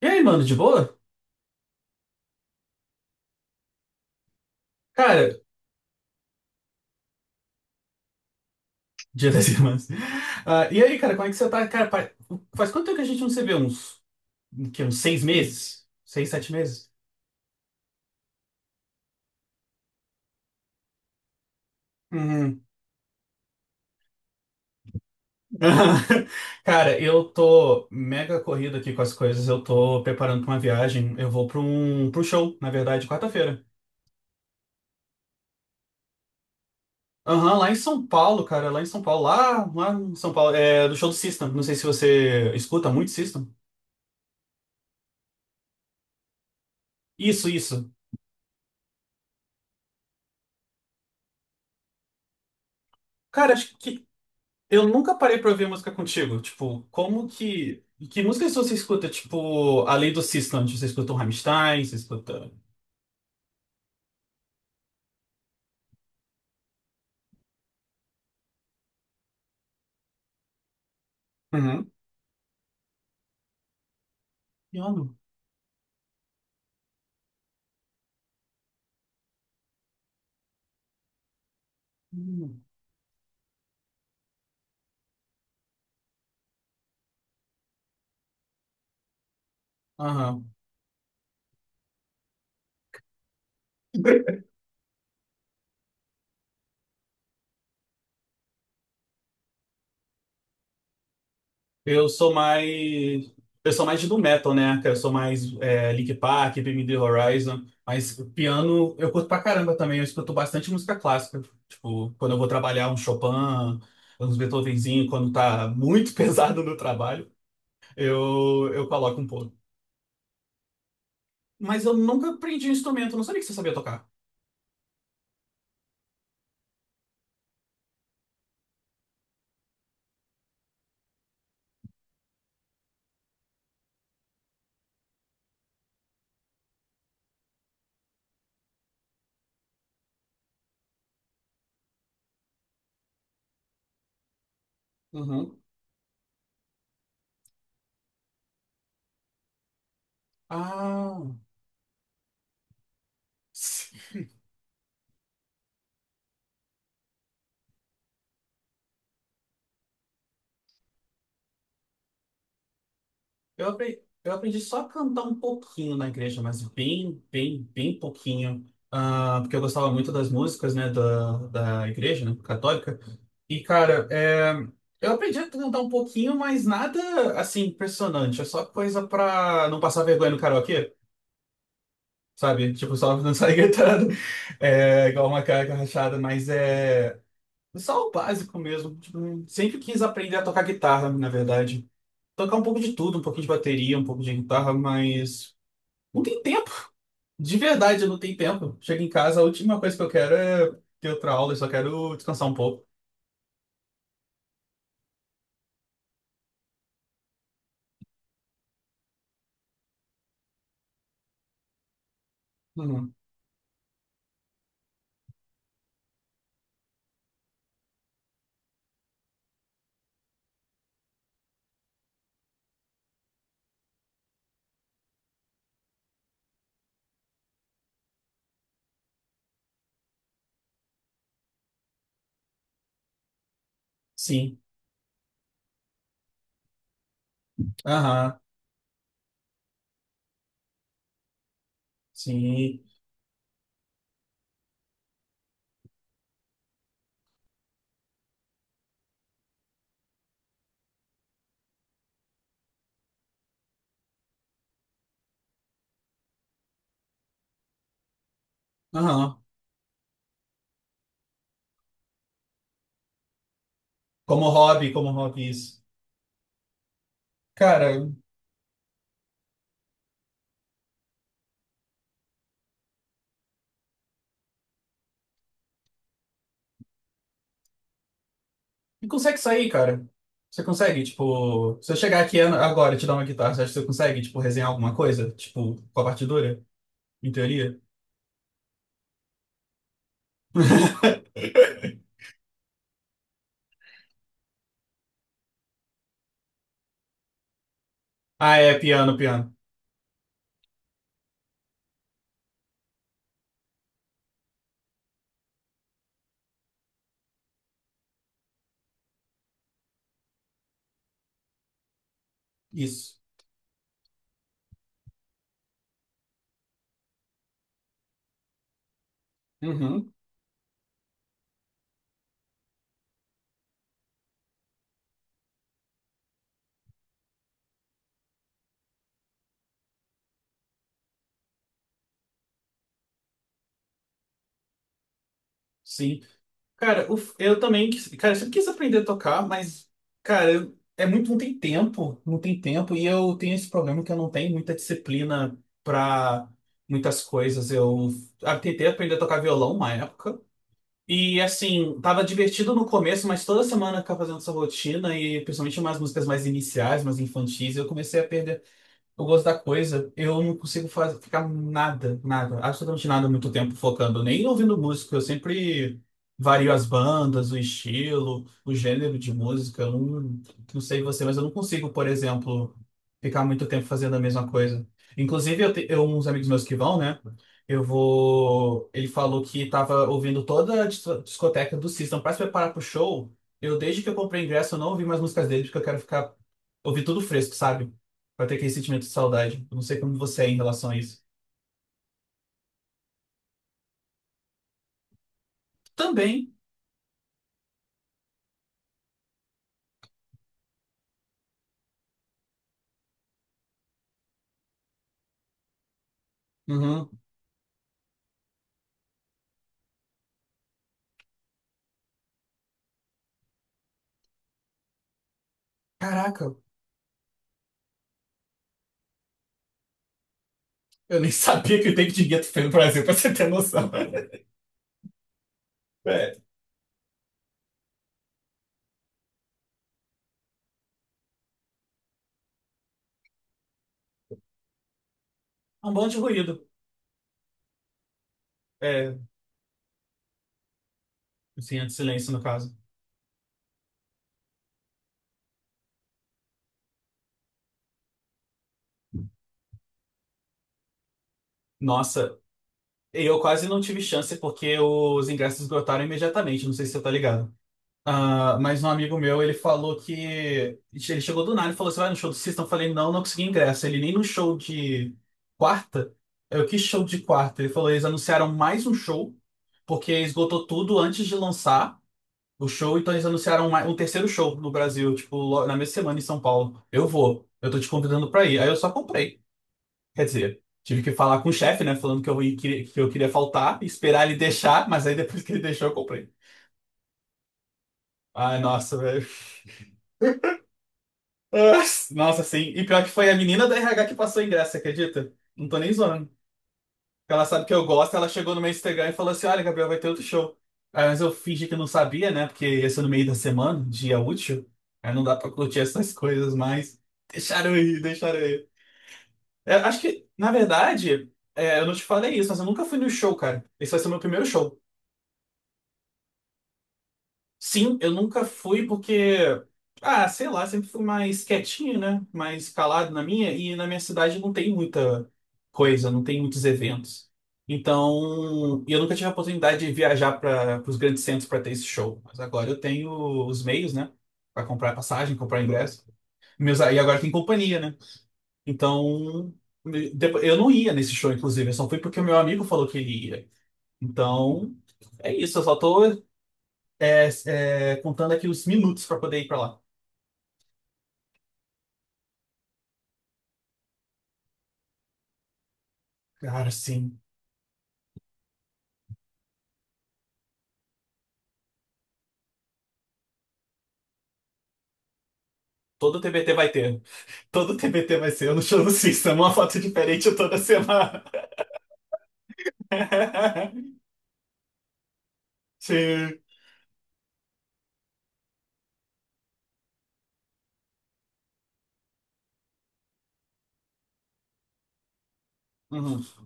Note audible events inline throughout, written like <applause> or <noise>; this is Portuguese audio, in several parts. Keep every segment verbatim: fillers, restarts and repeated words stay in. E aí, mano, de boa? Cara, Dia das Irmãs. Ah, e aí, cara, como é que você tá? Cara, pa- faz quanto tempo que a gente não se vê? Uns, que, uns seis meses? Seis, sete meses? Uhum. <laughs> Cara, eu tô mega corrido aqui com as coisas. Eu tô preparando pra uma viagem. Eu vou pra um, pro show, na verdade, quarta-feira. Aham, lá em São Paulo, cara, lá em São Paulo. Lá, lá em São Paulo. É do show do System. Não sei se você escuta muito System. Isso, isso. Cara, acho que eu nunca parei pra ouvir música contigo. Tipo, como que. Que músicas você escuta? Tipo, além do System, você escuta um Rammstein, você escuta. Uhum. Piano? Hum. Aham. Eu sou mais. Eu sou mais do metal, né? Eu sou mais é, Linkin Park, Bring Me The Horizon. Mas piano eu curto pra caramba também. Eu escuto bastante música clássica. Tipo, quando eu vou trabalhar um Chopin, uns Beethovenzinho, quando tá muito <laughs> pesado no trabalho, eu, eu coloco um pouco. Mas eu nunca aprendi um instrumento, eu não sabia que você sabia tocar. Uhum. Ah, eu aprendi, eu aprendi só a cantar um pouquinho na igreja, mas bem, bem, bem pouquinho. Ah, porque eu gostava muito das músicas, né, da, da igreja, né, católica. E, cara, é, eu aprendi a cantar um pouquinho, mas nada assim impressionante. É só coisa pra não passar vergonha no karaokê, sabe? Tipo, só não sair <laughs> gritando, é, igual uma cara rachada, mas é só o básico mesmo. Tipo, sempre quis aprender a tocar guitarra, na verdade. Tocar um pouco de tudo, um pouquinho de bateria, um pouco de guitarra, mas não tem tempo. De verdade, eu não tenho tempo. Chego em casa, a última coisa que eu quero é ter outra aula, eu só quero descansar um pouco. Uhum. Sim. Aham, sim. Aham. Como hobby, como hobby, isso. Cara, e consegue sair, cara? Você consegue, tipo, se eu chegar aqui an- agora e te dar uma guitarra, você acha que você consegue, tipo, resenhar alguma coisa? Tipo, com a partitura, em teoria? Ah, é, piano, piano. Isso. Uhum. Sim. Cara, o f- eu também, quis- cara, eu sempre quis aprender a tocar, mas, cara, eu- é muito, não tem tempo, não tem tempo, e eu tenho esse problema que eu não tenho muita disciplina pra muitas coisas. Eu ah, tentei aprender a tocar violão uma época, e assim, tava divertido no começo, mas toda semana eu ficava fazendo essa rotina, e principalmente umas músicas mais iniciais, mais infantis, eu comecei a perder. Eu gosto da coisa, eu não consigo faz- ficar nada, nada, absolutamente nada muito tempo focando, nem ouvindo música. Eu sempre vario as bandas, o estilo, o gênero de música. Eu não, não sei você, mas eu não consigo, por exemplo, ficar muito tempo fazendo a mesma coisa. Inclusive, eu, te- eu- uns amigos meus que vão, né? Eu vou. Ele falou que tava ouvindo toda a dis- discoteca do System para se preparar pro show. Eu, desde que eu comprei ingresso, eu não ouvi mais músicas dele, porque eu quero ficar. Ouvir tudo fresco, sabe? Vai ter aquele sentimento de saudade. Eu não sei como você é em relação a isso. Também. Uhum. Caraca, eu nem <laughs> sabia que o tempo de gueto foi no Brasil, pra você ter noção. <laughs> É. Um bom de ruído. É, assim, é de silêncio, no caso. Nossa, eu quase não tive chance porque os ingressos esgotaram imediatamente. Não sei se você tá ligado. Ah, mas um amigo meu, ele falou que. Ele chegou do nada e falou: Você vai no show do System? Eu falei: Não, não consegui ingresso. Ele nem no show de quarta. Eu, que show de quarta? Ele falou: Eles anunciaram mais um show, porque esgotou tudo antes de lançar o show, então eles anunciaram mais, um terceiro show no Brasil, tipo, lo- na mesma semana em São Paulo. Eu vou, eu tô te convidando pra ir. Aí eu só comprei. Quer dizer, tive que falar com o chefe, né, falando que eu, ia- que que eu queria faltar, esperar ele deixar, mas aí depois que ele deixou, eu comprei. Ai, nossa, velho. Ah, nossa, sim. E pior que foi a menina da R H que passou o ingresso, você acredita? Não tô nem zoando. Ela sabe que eu gosto, ela chegou no meu Instagram e falou assim: Olha, Gabriel, vai ter outro show. Aí, mas eu fingi que não sabia, né? Porque ia ser no meio da semana, dia útil. Aí não dá pra curtir essas coisas, mas deixaram eu ir, deixaram eu ir. É, acho que, na verdade, é, eu não te falei isso, mas eu nunca fui no show, cara. Esse vai ser o meu primeiro show. Sim, eu nunca fui porque, ah, sei lá, sempre fui mais quietinho, né? Mais calado na minha, e na minha cidade não tem muita coisa, não tem muitos eventos. Então, e eu nunca tive a oportunidade de viajar para os grandes centros para ter esse show. Mas agora eu tenho os meios, né? Para comprar passagem, comprar ingresso. Meus, e agora tem companhia, né? Então, me- depo- eu não ia nesse show, inclusive, eu só fui porque o meu amigo falou que ele ia. Então, é isso, eu só tô é, é, contando aqui os minutos pra poder ir pra lá. Cara, sim. Todo T B T vai ter. Todo T B T vai ser. Eu não chamo System, uma foto diferente toda semana. <laughs> Sim. Uhum.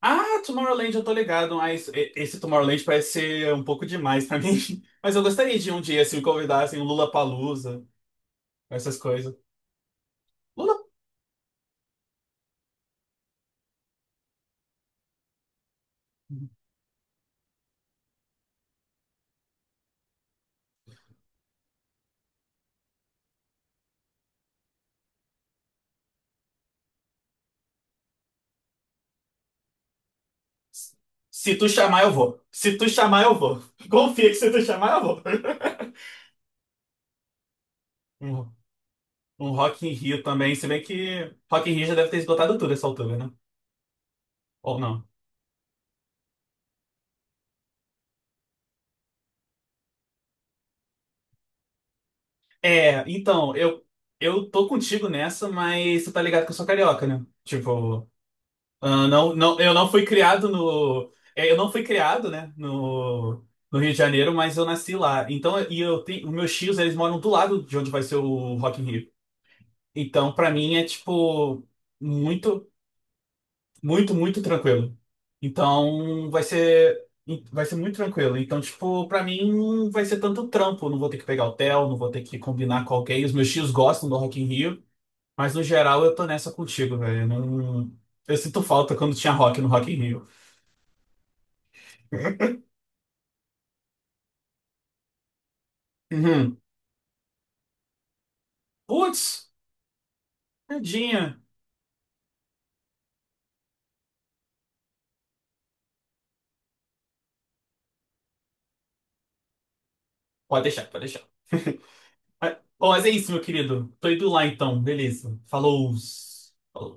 Ah, Tomorrowland, eu tô ligado, mas e- esse Tomorrowland parece ser um pouco demais pra mim. <laughs> Mas eu gostaria de um dia, se me convidassem, um Lollapalooza, essas coisas. Lula... Se tu chamar, eu vou. Se tu chamar, eu vou. <laughs> Confia que se tu chamar, eu vou. Um, um Rock in Rio também, se bem que Rock in Rio já deve ter esgotado tudo essa altura, né? Ou não? É, então, eu, eu tô contigo nessa, mas você tá ligado que eu sou carioca, né? Tipo, ah, não, não, eu não fui criado no. É, eu não fui criado, né? No, no Rio de Janeiro, mas eu nasci lá. Então, e eu tenho. Os meus tios, eles moram do lado de onde vai ser o Rock in Rio. Então, pra mim, é tipo. Muito. Muito, muito tranquilo. Então, vai ser, vai ser muito tranquilo. Então, tipo, pra mim não vai ser tanto trampo. Eu não vou ter que pegar hotel, não vou ter que combinar com alguém. Os meus tios gostam do Rock in Rio, mas no geral eu tô nessa contigo, velho. Eu não... Eu sinto falta quando tinha rock no Rock in Rio. Uhum. Putz, tadinha. Pode deixar, pode deixar. <laughs> Mas- Bom, mas é isso, meu querido. Tô indo lá então, beleza. Falou. Falou.